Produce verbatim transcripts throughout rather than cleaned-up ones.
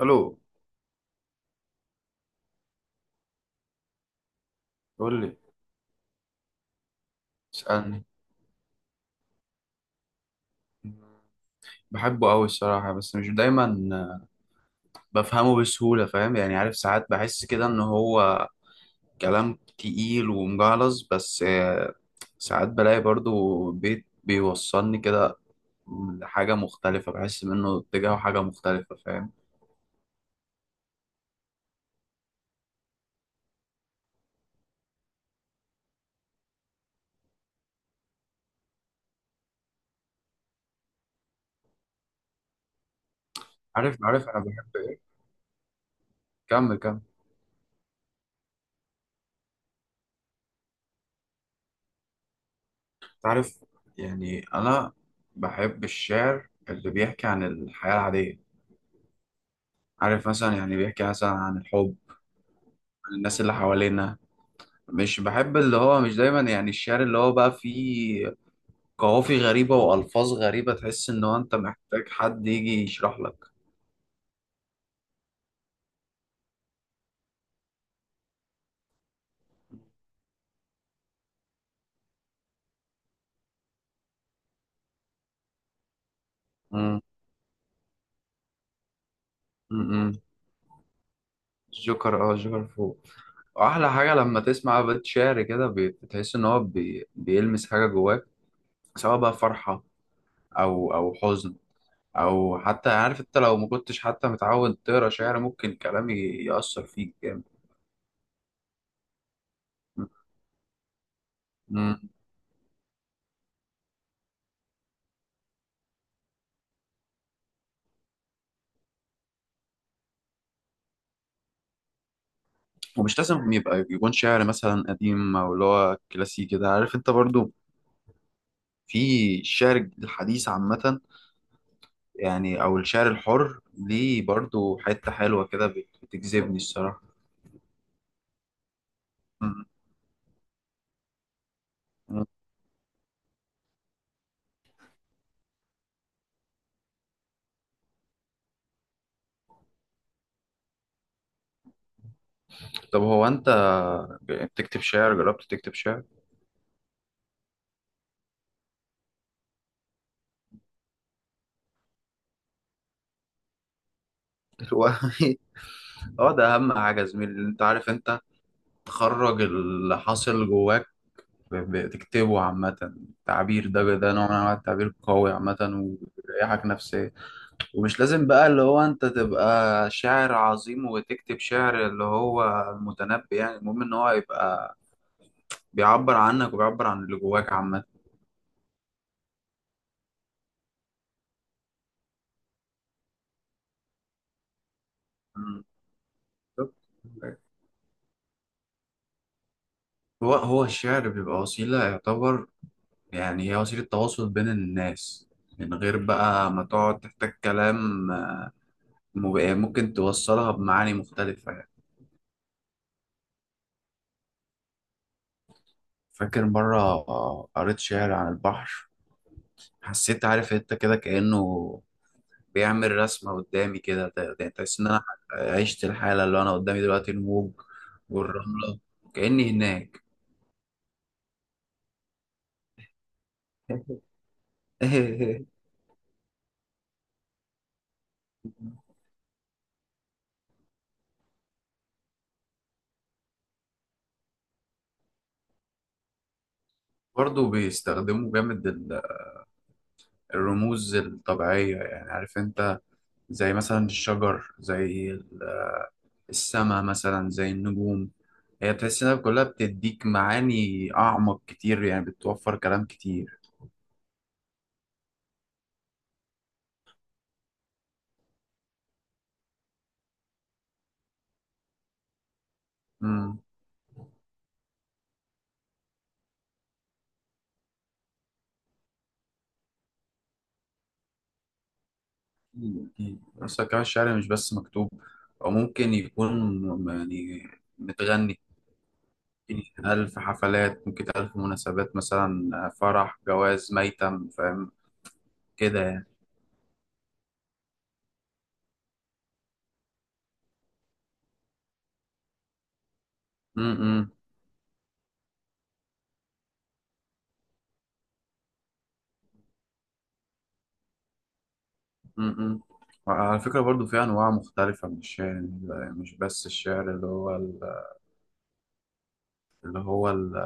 الو. قول لي. اسالني. بحبه قوي الصراحه، بس مش دايما بفهمه بسهوله، فاهم؟ يعني عارف، ساعات بحس كده ان هو كلام تقيل ومجعلص، بس آه، ساعات بلاقي برضو بيت بيوصلني كده لحاجه مختلفه، بحس منه اتجاهه حاجه مختلفه، فاهم؟ عارف عارف انا بحب ايه. كمل كمل. عارف، يعني انا بحب الشعر اللي بيحكي عن الحياه العاديه، عارف؟ مثلا يعني بيحكي مثلا عن الحب، عن الناس اللي حوالينا. مش بحب اللي هو، مش دايما يعني الشعر اللي هو بقى فيه قوافي غريبة وألفاظ غريبة، تحس إن هو أنت محتاج حد يجي يشرح لك. مم. مم. الجوكر، اه الجوكر فوق. وأحلى حاجة لما تسمع بيت شعر كده بي- بتحس إن هو بي... بيلمس حاجة جواك، سواء بقى فرحة، أو أو حزن، أو حتى عارف أنت لو ما كنتش حتى متعود تقرا شعر ممكن كلام ي- يأثر فيك جامد. مم. ومش لازم يبقى يكون شعر مثلا قديم او اللي هو كلاسيكي ده، عارف انت؟ برضو في الشعر الحديث عامة، يعني أو الشعر الحر ليه برضو حتة حلوة كده بت- بتجذبني الصراحة. مم. مم. طب هو أنت بتكتب شعر؟ جربت تكتب شعر؟ هو- اه ده أهم حاجة يا زميلي، أنت عارف أنت تخرج اللي حاصل جواك، ب- بتكتبه عامة، التعبير ده ده نوع من أنواع التعبير قوي عامة. وبيريحك نفسيا. ومش لازم بقى اللي هو انت تبقى شاعر عظيم وتكتب شعر اللي هو المتنبي، يعني المهم ان هو يبقى بيعبر عنك وبيعبر عن اللي جواك عامة. مم. بالظبط. هو هو الشعر بيبقى وسيلة، يعتبر يعني هي وسيلة تواصل بين الناس، من غير بقى ما تقعد تحتاج كلام، مب- يعني ممكن توصلها بمعاني مختلفة يعني. فاكر مرة قريت شعر عن البحر، حسيت عارف انت كده كأنه بيعمل رسمة قدامي كده، ت- يعني تحس إن أنا عشت الحالة اللي أنا قدامي دلوقتي، الموج والرملة، كأني هناك. برضه بيستخدموا جامد ال- الرموز الطبيعية، يعني عارف أنت؟ زي مثلا الشجر، زي ال- السما مثلا، زي النجوم، هي تحس إنها كلها بتديك معاني أعمق كتير، يعني بتوفر كلام كتير. مم. أكيد. أكيد. أصلا كمان الشعر مش بس مكتوب، أو ممكن يكون م- يعني متغني، ألف حفلات ممكن، ألف مناسبات مثلا آه، فرح، جواز، ميتم، فاهم كده يعني. م- م- م- م. وعلى فكرة برضو في أنواع مختلفة من الشعر، مش بس الشعر اللي هو ال- اللي هو ال-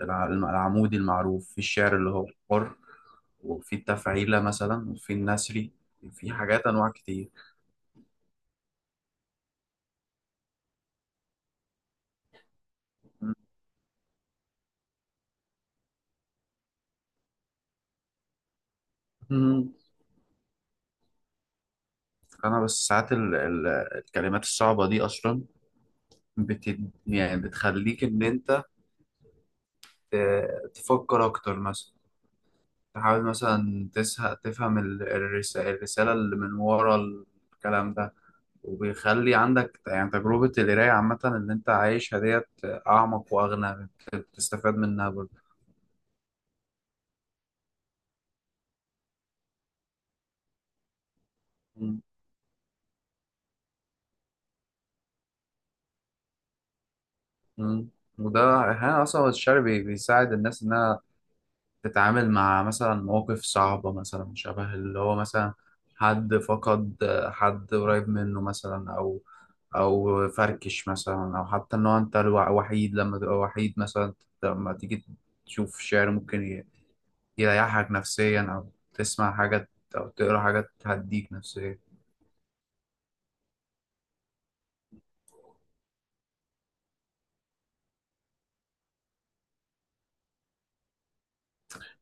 الع- العمودي المعروف، في الشعر اللي هو حر، وفي التفعيلة مثلا، وفي النثري، في حاجات أنواع كتير. مم. أنا بس ساعات ال- ال- الكلمات الصعبة دي أصلا، بت يعني بتخليك إن أنت ت- تفكر أكتر مثلا، تحاول مثلا تسه- تفهم ال- الرس- الرسالة اللي من ورا الكلام ده، وبيخلي عندك يعني تجربة القراية عامة اللي أنت عايشها ديت أعمق وأغنى، بت- بتستفاد منها برضه. م- م. وده أحيانا أصلا الشعر بي- بيساعد الناس إنها تتعامل مع مثلا مواقف صعبة، مثلا شبه اللي هو مثلا حد فقد حد قريب منه مثلا، أو أو فركش مثلا، أو حتى إن هو أنت الوا- وحيد، لما تبقى وحيد مثلا، لما تيجي تشوف شعر ممكن ي- يريحك نفسيا، أو تسمع حاجة، أو تقرا حاجة تهديك نفسيا.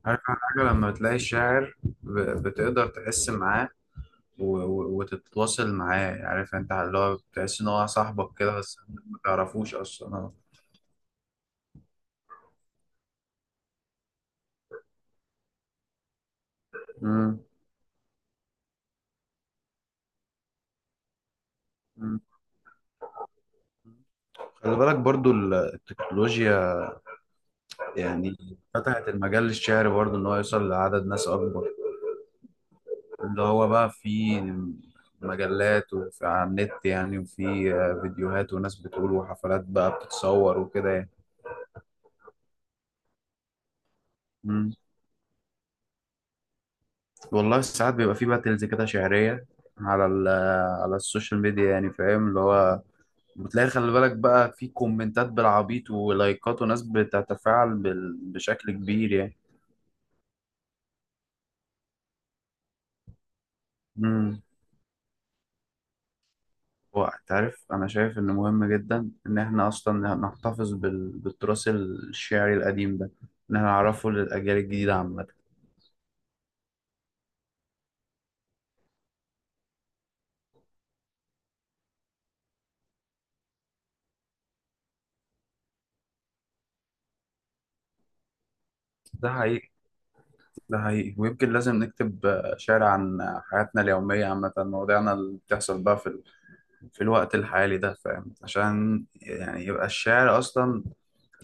عارف أحلى حاجة لما بتلاقي الشاعر ب- بتقدر تحس معاه، و- و- وتتواصل معاه، عارف انت اللي هو بتحس ان هو صاحبك كده بس ما تعرفوش اصلا. مم. مم. خلي بالك برضو ال- التكنولوجيا يعني فتحت المجال للشعر برضو ان هو يوصل لعدد ناس اكبر، اللي هو بقى في مجلات وفي على النت يعني، وفي آه، فيديوهات وناس بتقول، وحفلات بقى بتتصور وكده يعني. مم. والله ساعات بيبقى في باتلز كده شعرية على ال- على السوشيال ميديا، يعني فاهم؟ اللي هو بتلاقي خلي بالك بقى في كومنتات بالعبيط ولايكات وناس بتتفاعل بال- بشكل كبير يعني. هو انت عارف انا شايف انه مهم جدا ان احنا اصلا نحتفظ بال... بالتراث الشعري القديم ده، ان احنا نعرفه للاجيال الجديده عامه. ده حقيقي. ده حقيقي، ويمكن لازم نكتب آه، شعر عن حياتنا اليوميه عامه، مواضيعنا اللي بتحصل بقى في ال... في الوقت الحالي ده، فاهم؟ عشان يعني يبقى الشعر اصلا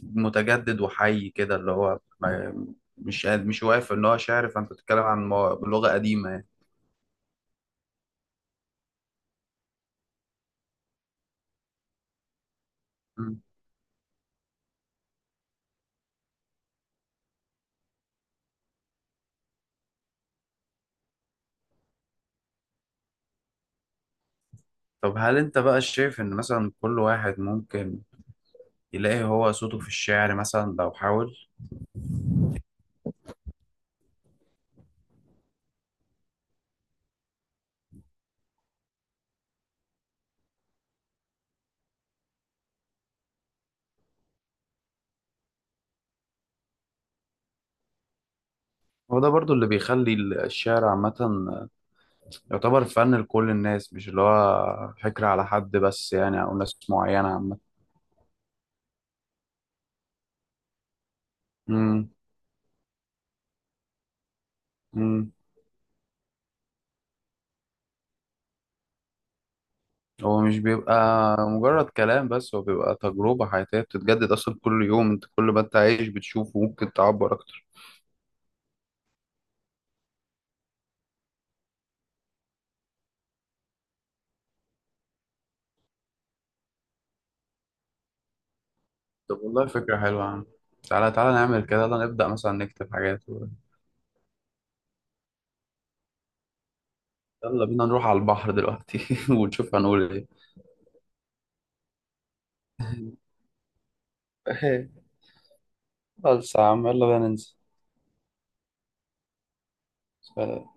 متجدد وحي كده، اللي هو ما... مش قاعد- مش واقف ان هو شعر، فانت بتتكلم عن مو- لغه قديمه يعني. مم. طب هل انت بقى شايف ان مثلا كل واحد ممكن يلاقي هو صوته في الشعر مثلا لو حاول؟ هو ده برضو اللي بيخلي الشعر عامة يعتبر فن لكل الناس، مش اللي هو فكرة على حد بس يعني، أو ناس معينة عامة. مم. مم. هو مش بيبقى مجرد كلام بس، هو بيبقى تجربة حياتية بتتجدد أصلا كل يوم، أنت كل ما أنت عايش بتشوفه ممكن تعبر أكتر. طب والله فكرة حلوة يا عم، تعالى تعالى نعمل كده، يلا نبدأ مثلا نكتب حاجات و... يلا بينا نروح على البحر دلوقتي. ونشوف هنقول إيه؟ بس يا عم يلا بينا ننزل. سلام.